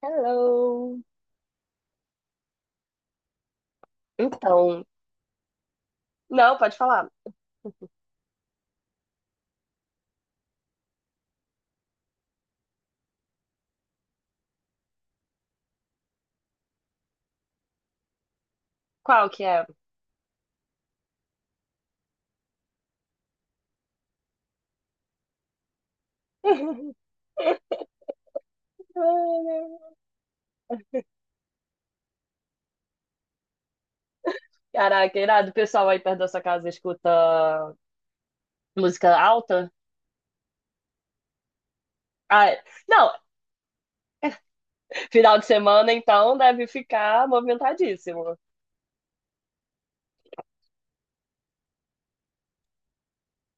Hello. Então, não, pode falar. Qual que é? Caraca, irado, o pessoal aí perto da sua casa escuta música alta? Ah, é. Não, final de semana então deve ficar movimentadíssimo.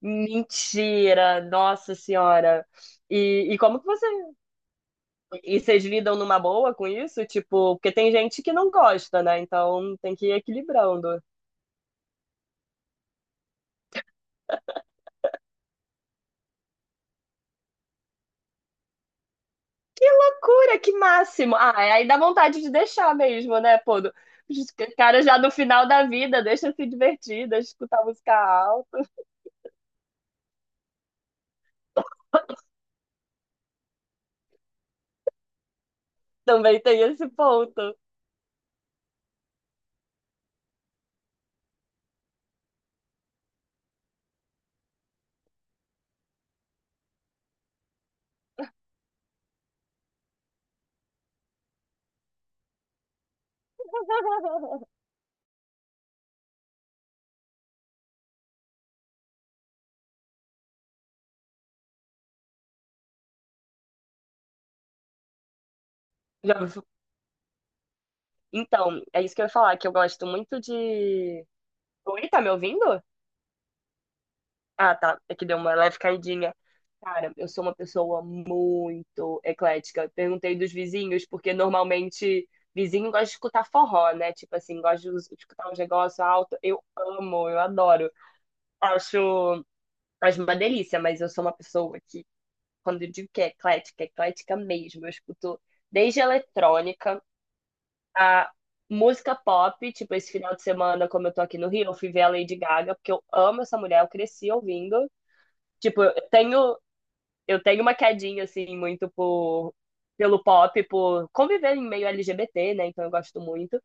Mentira, nossa senhora. E como que você... E vocês lidam numa boa com isso? Tipo, porque tem gente que não gosta, né? Então tem que ir equilibrando. Cura, que máximo! Ah, é, aí dá vontade de deixar mesmo, né, pô? Os caras já no final da vida, deixa se divertir, deixa escutar música alta. Também tem esse ponto. Já- Então, é isso que eu ia falar, que eu gosto muito de. Oi, tá me ouvindo? Ah, tá. É que deu uma leve caidinha. Cara, eu sou uma pessoa muito eclética. Eu perguntei dos vizinhos, porque normalmente vizinho gosta de escutar forró, né? Tipo assim, gosta de escutar um negócio alto. Eu amo, eu adoro. Acho. Faz uma delícia, mas eu sou uma pessoa que, quando eu digo que é eclética mesmo. Eu escuto desde eletrônica a música pop, tipo, esse final de semana, como eu tô aqui no Rio, eu fui ver a Lady Gaga, porque eu amo essa mulher, eu cresci ouvindo. Tipo, eu tenho uma quedinha, assim, muito pelo pop, por conviver em meio LGBT, né? Então eu gosto muito.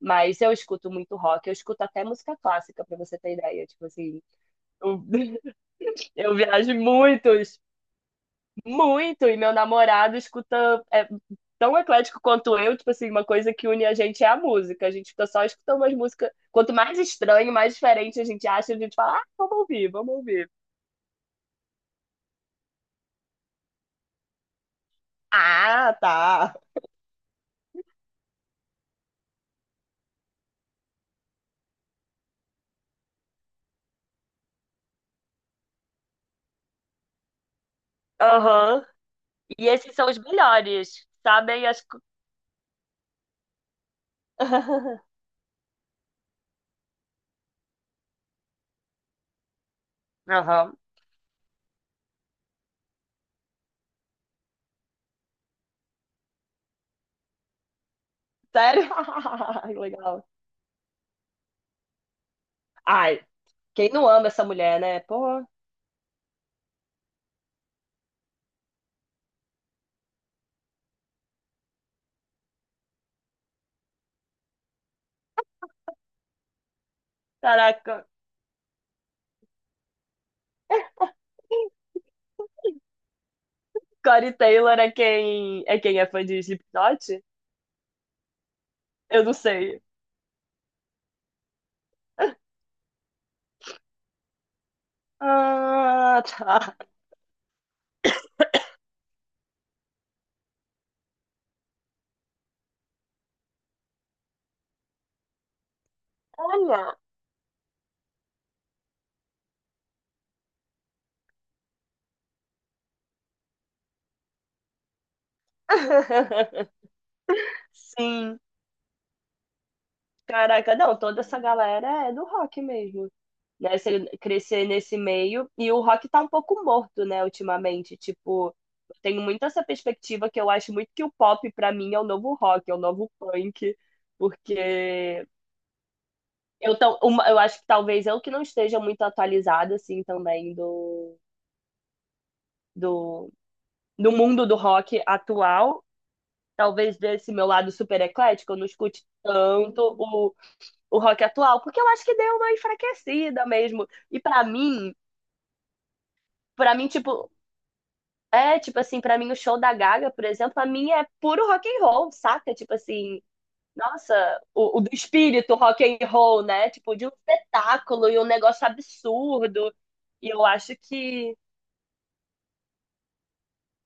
Mas eu escuto muito rock, eu escuto até música clássica, pra você ter ideia. Tipo assim, eu, eu viajo muito. Muito, e meu namorado escuta é tão eclético quanto eu, tipo assim, uma coisa que une a gente é a música. A gente fica só escutando umas músicas. Quanto mais estranho, mais diferente a gente acha, a gente fala, ah, vamos ouvir, vamos ouvir. Ah, tá. Aham. E esses são os melhores, sabem? Aham. Sério? Ai, legal. Ai, quem não ama essa mulher, né? Pô, caraca. Corey Taylor é quem é fã de Slipknot? Eu não sei. Ah, tá. Olha. Sim. Caraca, não, toda essa galera é do rock mesmo. Né? Você crescer nesse meio. E o rock tá um pouco morto, né, ultimamente. Tipo, eu tenho muito essa perspectiva que eu acho muito que o pop, pra mim, é o novo rock, é o novo punk. Porque eu, tão, eu acho que talvez eu que não esteja muito atualizada, assim, também do, do mundo do rock atual. Talvez desse meu lado super eclético, eu não escute tanto o rock atual, porque eu acho que deu uma enfraquecida mesmo. E pra mim, tipo, é, tipo assim, pra mim o show da Gaga, por exemplo, pra mim é puro rock and roll, saca? Tipo assim, nossa, o do espírito rock and roll, né? Tipo, de um espetáculo e um negócio absurdo. E eu acho que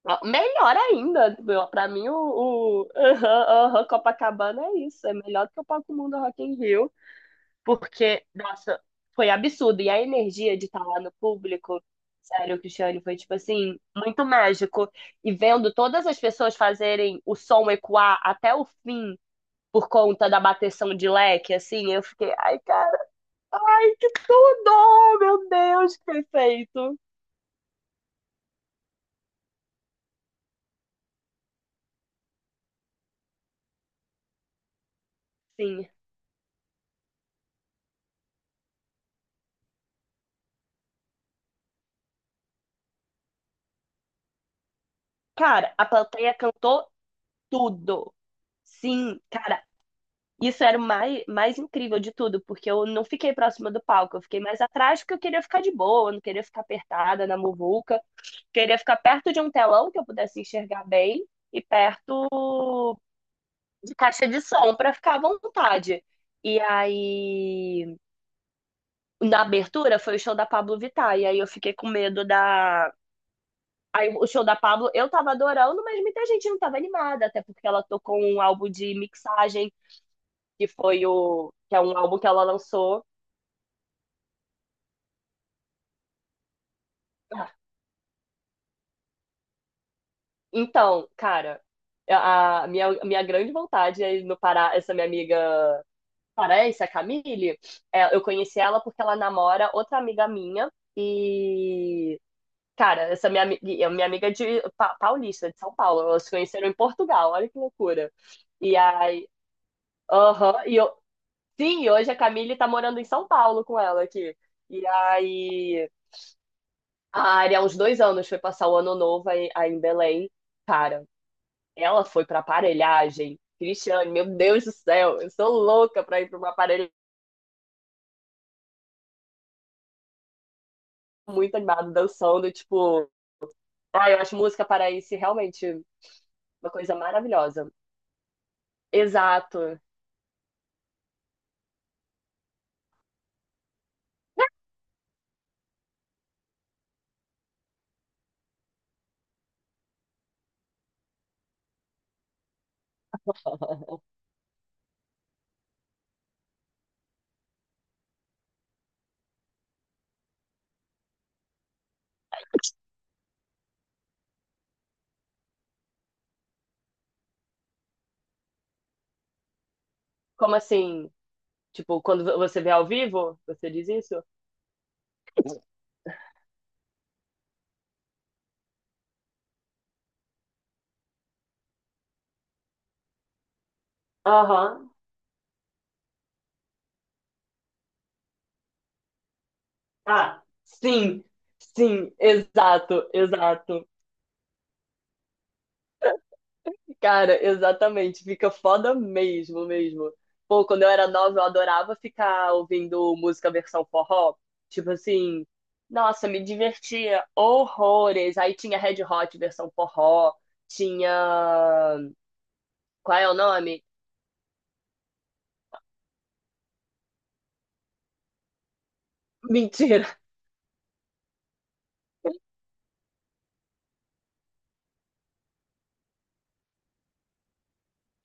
ó, melhor ainda, meu, pra mim o aham, aham, Copacabana é isso, é melhor do que o Palco Mundo Rock in Rio. Porque, nossa, foi absurdo. E a energia de estar lá no público, sério, Cristiane, foi tipo assim, muito mágico. E vendo todas as pessoas fazerem o som ecoar até o fim por conta da bateção de leque, assim, eu fiquei, ai, cara, que tudo! Meu Deus, que perfeito! Sim. Cara, a plateia cantou tudo. Sim, cara, isso era o mais incrível de tudo, porque eu não fiquei próxima do palco, eu fiquei mais atrás porque eu queria ficar de boa, eu não queria ficar apertada na muvuca, queria ficar perto de um telão que eu pudesse enxergar bem e perto de caixa de som para ficar à vontade. E aí, na abertura foi o show da Pablo Vittar, e aí eu fiquei com medo da. Aí o show da Pablo eu tava adorando, mas muita gente não tava animada, até porque ela tocou um álbum de mixagem, que foi o. Que é um álbum que ela lançou. Ah, então, cara, a minha grande vontade é ir no Pará, essa minha amiga paraense, a Camille, é, eu conheci ela porque ela namora outra amiga minha e, cara, essa minha, é minha amiga é paulista, de São Paulo, elas se conheceram em Portugal, olha que loucura. E aí, aham, e eu, sim, e hoje a Camille tá morando em São Paulo com ela aqui. E aí, a Ari, há uns 2 anos, foi passar o ano novo aí em Belém. Cara, ela foi pra aparelhagem. Cristiane, meu Deus do céu, eu sou louca pra ir pra uma aparelhagem muito animada, dançando, tipo. Ah, eu acho música paraense realmente uma coisa maravilhosa. Exato. Como assim? Tipo, quando você vê ao vivo, você diz isso? Aham. Ah, sim. Sim, exato, exato. Cara, exatamente, fica foda mesmo, mesmo. Pô, quando eu era nova, eu adorava ficar ouvindo música versão forró. Tipo assim, nossa, me divertia horrores. Aí tinha Red Hot versão forró, tinha. Qual é o nome? Mentira,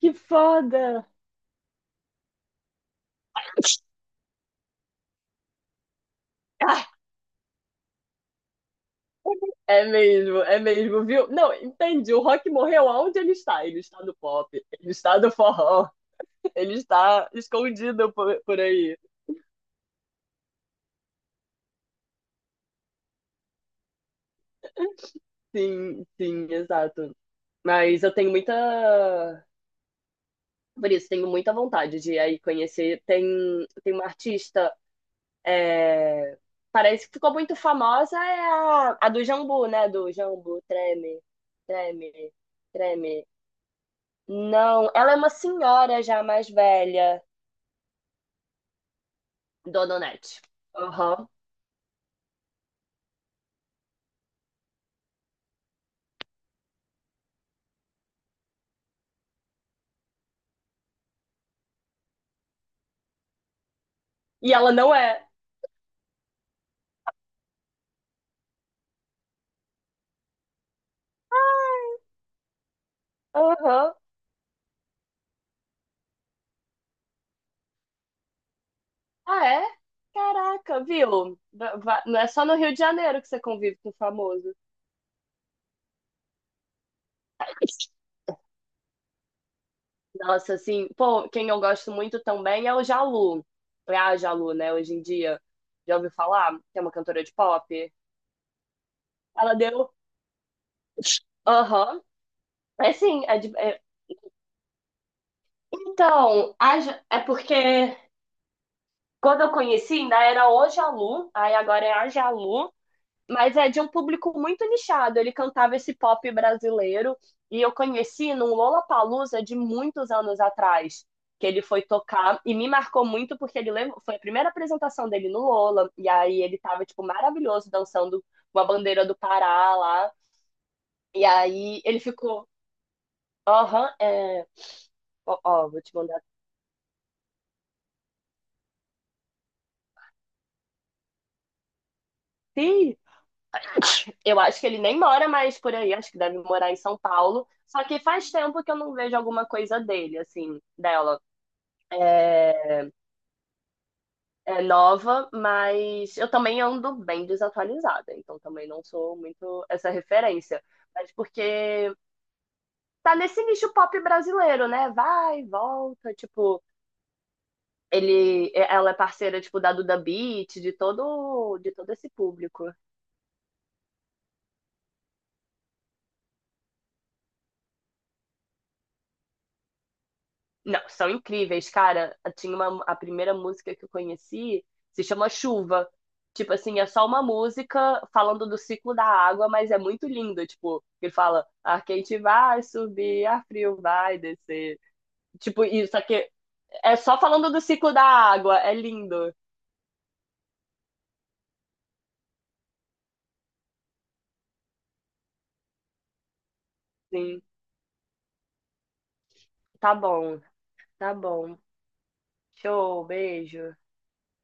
que foda! Ah, é mesmo, viu? Não, entendi. O rock morreu aonde ele está? Ele está no pop, ele está no forró, ele está escondido por aí. Sim, sim, exato. Mas eu tenho muita. Por isso, tenho muita vontade de ir aí conhecer. Tem, tem uma artista. É, parece que ficou muito famosa, é a do Jambu, né? Do Jambu, treme, treme, treme. Não, ela é uma senhora já mais velha, Dona Onete. Aham. E ela não é. Aham. Ah, é? Caraca, viu? Não é só no Rio de Janeiro que você convive com o famoso. Nossa, assim, pô, quem eu gosto muito também é o Jalu. É a Jalu, né, hoje em dia. Já ouviu falar? Que é uma cantora de pop. Ela deu. Aham. É assim, então, é porque quando eu conheci ainda era o Jalu, aí agora é a Jalu. Mas é de um público muito nichado. Ele cantava esse pop brasileiro e eu conheci num Lollapalooza de muitos anos atrás, que ele foi tocar e me marcou muito porque foi a primeira apresentação dele no Lola e aí ele tava tipo maravilhoso dançando com a bandeira do Pará lá. E aí ele ficou, aham, é, ó, vou te mandar. Ih, eu acho que ele nem mora mais por aí, acho que deve morar em São Paulo. Só que faz tempo que eu não vejo alguma coisa dele, assim, dela. É, é nova, mas eu também ando bem desatualizada, então também não sou muito essa referência. Mas porque tá nesse nicho pop brasileiro, né? Vai, volta, tipo, ele, é, ela é parceira tipo da Duda Beat, de todo esse público. Não, são incríveis, cara. Tinha uma, a primeira música que eu conheci se chama Chuva. Tipo assim, é só uma música falando do ciclo da água, mas é muito lindo. Tipo, ele fala, ar quente vai subir, ar frio vai descer. Tipo, isso aqui é só falando do ciclo da água. É lindo. Sim, tá bom, tá bom. Show, beijo.